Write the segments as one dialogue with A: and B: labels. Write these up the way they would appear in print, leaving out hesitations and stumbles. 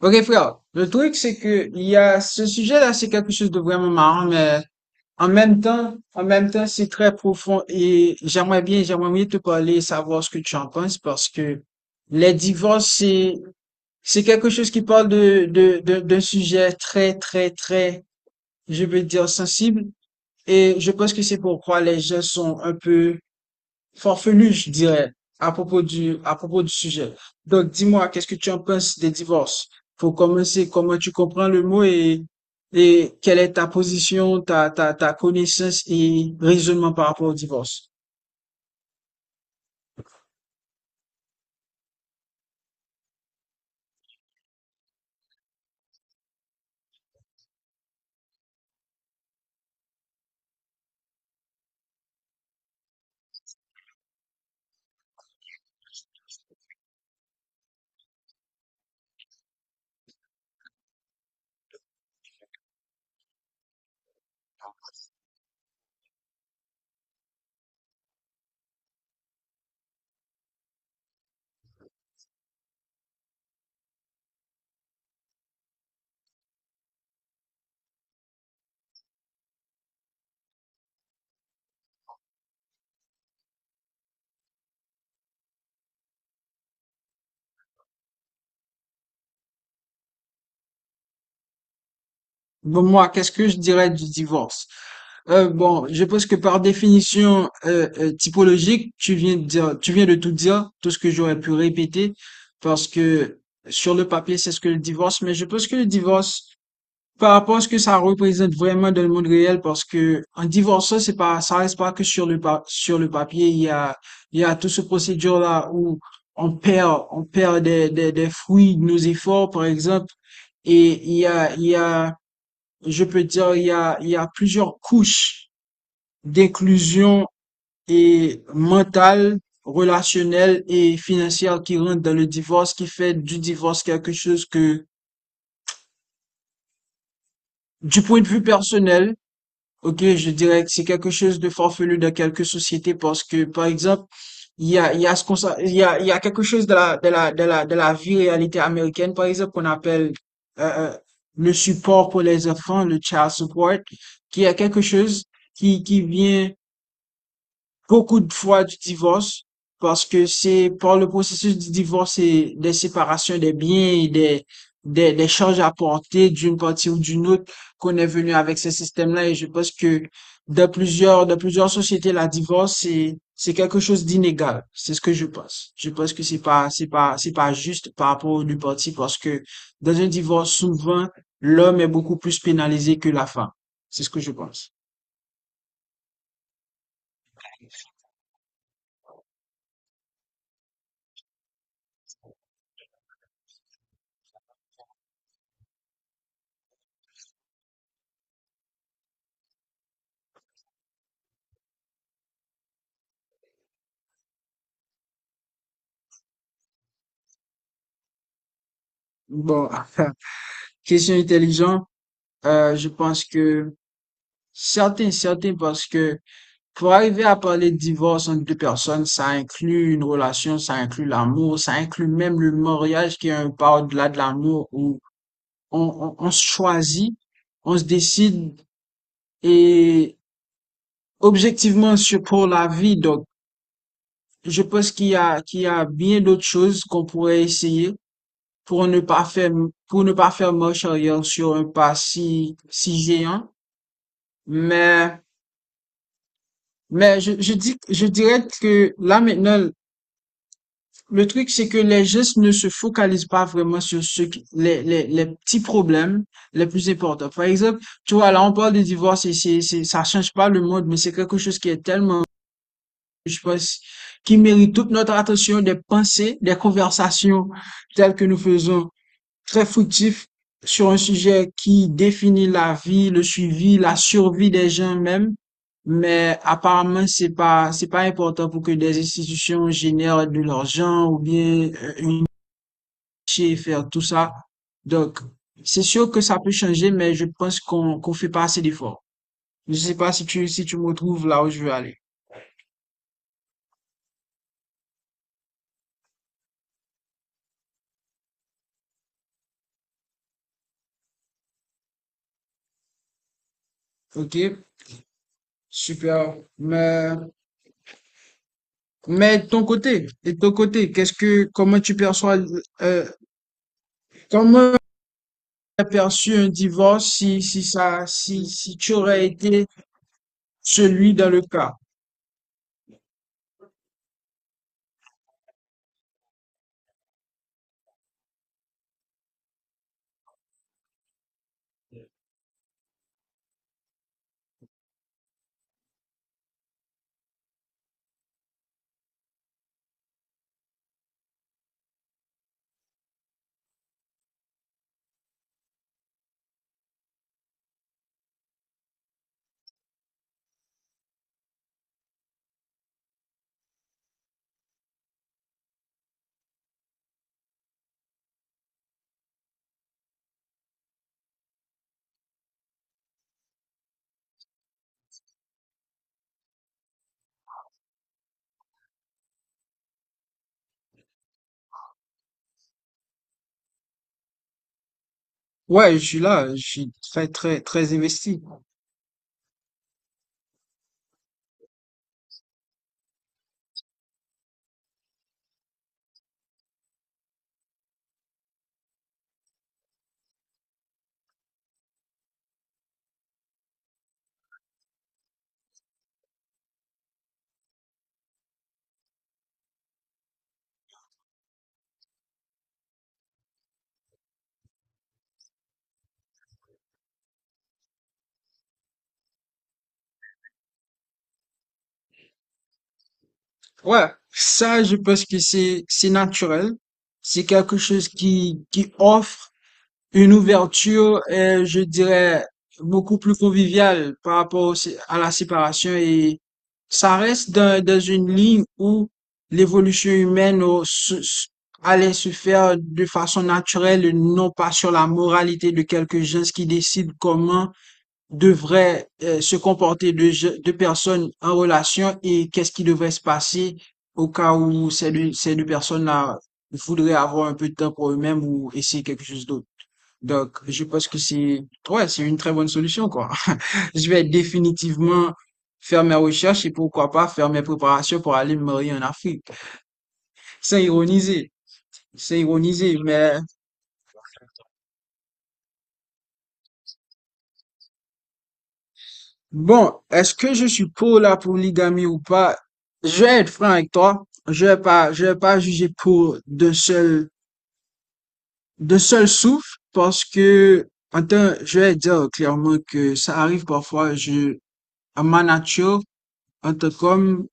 A: Ok frère, le truc c'est que il y a ce sujet-là, c'est quelque chose de vraiment marrant, mais en même temps, c'est très profond et j'aimerais bien te parler, et savoir ce que tu en penses parce que les divorces, c'est quelque chose qui parle d'un sujet très, très, très, je veux dire sensible. Et je pense que c'est pourquoi les gens sont un peu farfelu, je dirais, à propos à propos du sujet. Donc, dis-moi, qu'est-ce que tu en penses des divorces? Faut commencer, comment tu comprends le mot et quelle est ta position, ta connaissance et raisonnement par rapport au divorce? Bon, moi, qu'est-ce que je dirais du divorce? Bon, je pense que par définition typologique, tu viens de dire, tu viens de tout dire, tout ce que j'aurais pu répéter, parce que sur le papier, c'est ce que le divorce, mais je pense que le divorce, par rapport à ce que ça représente vraiment dans le monde réel, parce que en divorçant, c'est pas, ça reste pas que sur sur le papier. Il y a tout ce procédure là où on perd des fruits de nos efforts, par exemple. Et il y a, je peux dire, il y a plusieurs couches d'inclusion et mentale, relationnelle et financière qui rentrent dans le divorce, qui fait du divorce quelque chose que, du point de vue personnel, ok, je dirais que c'est quelque chose de forfelu dans quelques sociétés parce que, par exemple, il y a ce qu'on, il y a quelque chose de la, de la vie réalité américaine, par exemple, qu'on appelle euh, euh, le support pour les enfants, le child support, qui est quelque chose qui vient beaucoup de fois du divorce parce que c'est par le processus du divorce et des séparations des biens des charges à porter d'une partie ou d'une autre qu'on est venu avec ce système-là. Et je pense que dans plusieurs sociétés, la divorce, c'est quelque chose d'inégal. C'est ce que je pense. Je pense que c'est pas, c'est pas juste par rapport aux deux parties parce que dans un divorce, souvent, l'homme est beaucoup plus pénalisé que la femme. C'est ce que je pense. Bon, question intelligente. Je pense que certains, parce que pour arriver à parler de divorce entre deux personnes, ça inclut une relation, ça inclut l'amour, ça inclut même le mariage qui est un pas au-delà de l'amour où on se choisit, on se décide et objectivement sur pour la vie. Donc, je pense qu'il y a bien d'autres choses qu'on pourrait essayer pour ne pas faire, pour ne pas faire marche arrière sur un pas si, si géant. Mais, Mais je dis, je dirais que là maintenant, le truc, c'est que les gestes ne se focalisent pas vraiment sur ce qui- les petits problèmes les plus importants. Par exemple, tu vois, là, on parle de divorce et ça change pas le monde, mais c'est quelque chose qui est tellement, je pense, qui mérite toute notre attention, des pensées, des conversations telles que nous faisons très fructif sur un sujet qui définit la vie, le suivi, la survie des gens même. Mais apparemment, c'est pas important pour que des institutions génèrent de l'argent ou bien une et faire tout ça. Donc, c'est sûr que ça peut changer, mais je pense qu'on fait pas assez d'efforts. Je sais pas si tu me retrouves là où je veux aller. Ok? Super. Mais de ton côté, qu'est-ce que, comment tu perçois, euh, comment aperçu un divorce si, si tu aurais été celui dans le cas. Ouais, je suis là, je suis très, très, très investi. Ouais, ça, je pense que c'est naturel. C'est quelque chose qui offre une ouverture, je dirais, beaucoup plus conviviale par rapport au à la séparation et ça reste dans, dans une ligne où l'évolution humaine allait se faire de façon naturelle, non pas sur la moralité de quelques gens qui décident comment devrait se comporter deux, deux personnes en relation et qu'est-ce qui devrait se passer au cas où ces deux personnes-là voudraient avoir un peu de temps pour eux-mêmes ou essayer quelque chose d'autre. Donc, je pense que c'est, ouais, c'est une très bonne solution, quoi. Je vais définitivement faire mes recherches et pourquoi pas faire mes préparations pour aller me marier en Afrique. Sans ironiser, sans ironiser, mais bon, est-ce que je suis pour la polygamie ou pas? Je vais être franc avec toi. Je vais pas juger pour d'un seul souffle parce que, je vais dire clairement que ça arrive parfois, je, à ma nature, en tant qu'homme,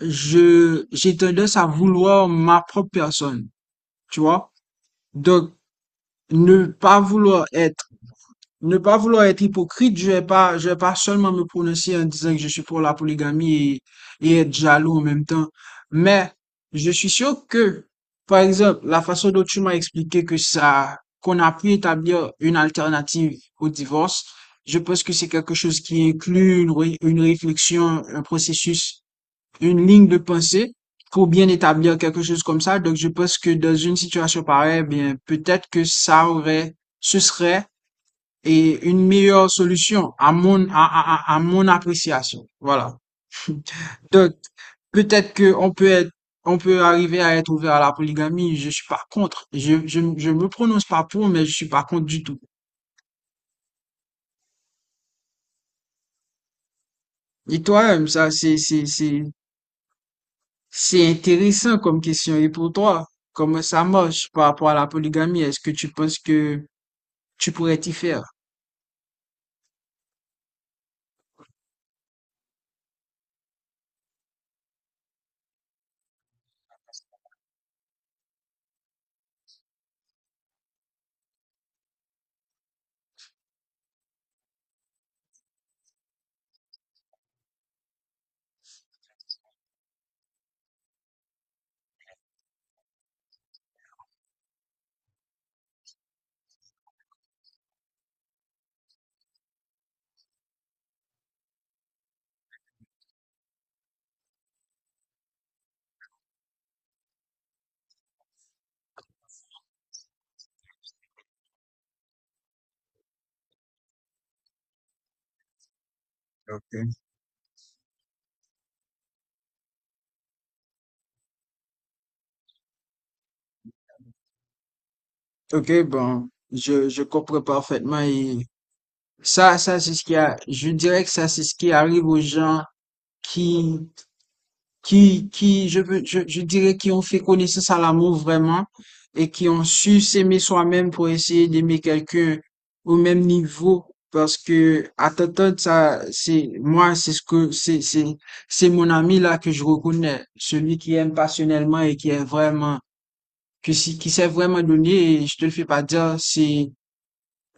A: j'ai tendance à vouloir ma propre personne. Tu vois? Donc, ne pas vouloir être ne pas vouloir être hypocrite, je vais pas seulement me prononcer en disant que je suis pour la polygamie et être jaloux en même temps. Mais je suis sûr que, par exemple, la façon dont tu m'as expliqué que ça, qu'on a pu établir une alternative au divorce, je pense que c'est quelque chose qui inclut une réflexion, un processus, une ligne de pensée pour bien établir quelque chose comme ça. Donc, je pense que dans une situation pareille, bien, peut-être que ça aurait, ce serait et une meilleure solution à mon, mon appréciation. Voilà. Donc, peut-être que on peut être, on peut arriver à être ouvert à la polygamie. Je suis pas contre. Je me prononce pas pour, mais je suis pas contre du tout. Et toi, ça, c'est intéressant comme question. Et pour toi, comment ça marche par rapport à la polygamie? Est-ce que tu penses que tu pourrais t'y faire? Ok, ok, bon, je comprends parfaitement et ça, c'est ce qui a, je dirais que ça, c'est ce qui arrive aux gens qui, je veux, je dirais, qui ont fait connaissance à l'amour vraiment et qui ont su s'aimer soi-même pour essayer d'aimer quelqu'un au même niveau. Parce que, à Totton, ça, c'est, moi, c'est ce que, c'est mon ami là que je reconnais. Celui qui aime passionnellement et qui est vraiment, que si, qui s'est vraiment donné, et je te le fais pas dire, c'est,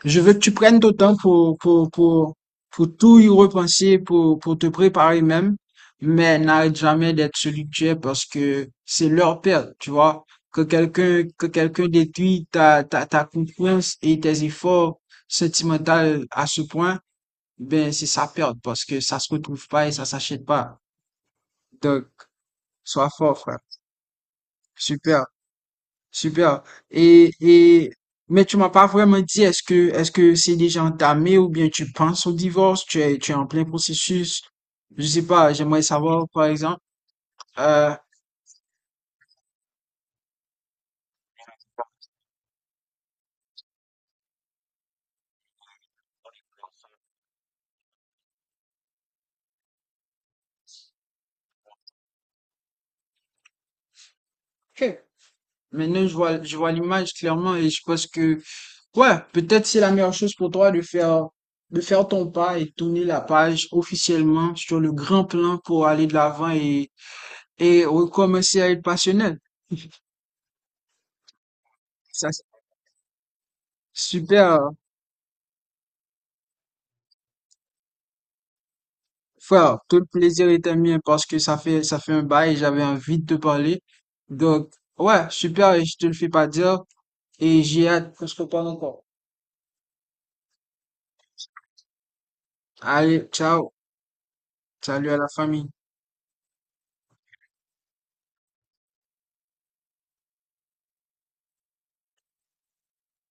A: je veux que tu prennes ton temps pour tout y repenser, pour te préparer même, mais n'arrête jamais d'être celui que tu es parce que c'est leur perte, tu vois. Que quelqu'un détruit ta, ta confiance et tes efforts sentimentaux à ce point, ben, c'est sa perte parce que ça se retrouve pas et ça s'achète pas. Donc, sois fort, frère. Super. Super. Et, mais tu m'as pas vraiment dit, est-ce que c'est déjà entamé ou bien tu penses au divorce, tu es en plein processus. Je sais pas, j'aimerais savoir, par exemple, euh, ok. Maintenant, je vois l'image clairement et je pense que, ouais, peut-être c'est la meilleure chose pour toi de faire ton pas et tourner la page officiellement sur le grand plan pour aller de l'avant et recommencer à être passionnel. Ça, c'est super. Frère, tout le plaisir est mien parce que ça fait un bail, j'avais envie de te parler. Donc, ouais, super, et je te le fais pas dire. Et j'ai hâte qu'on se reparle encore. Allez, ciao. Salut à la famille.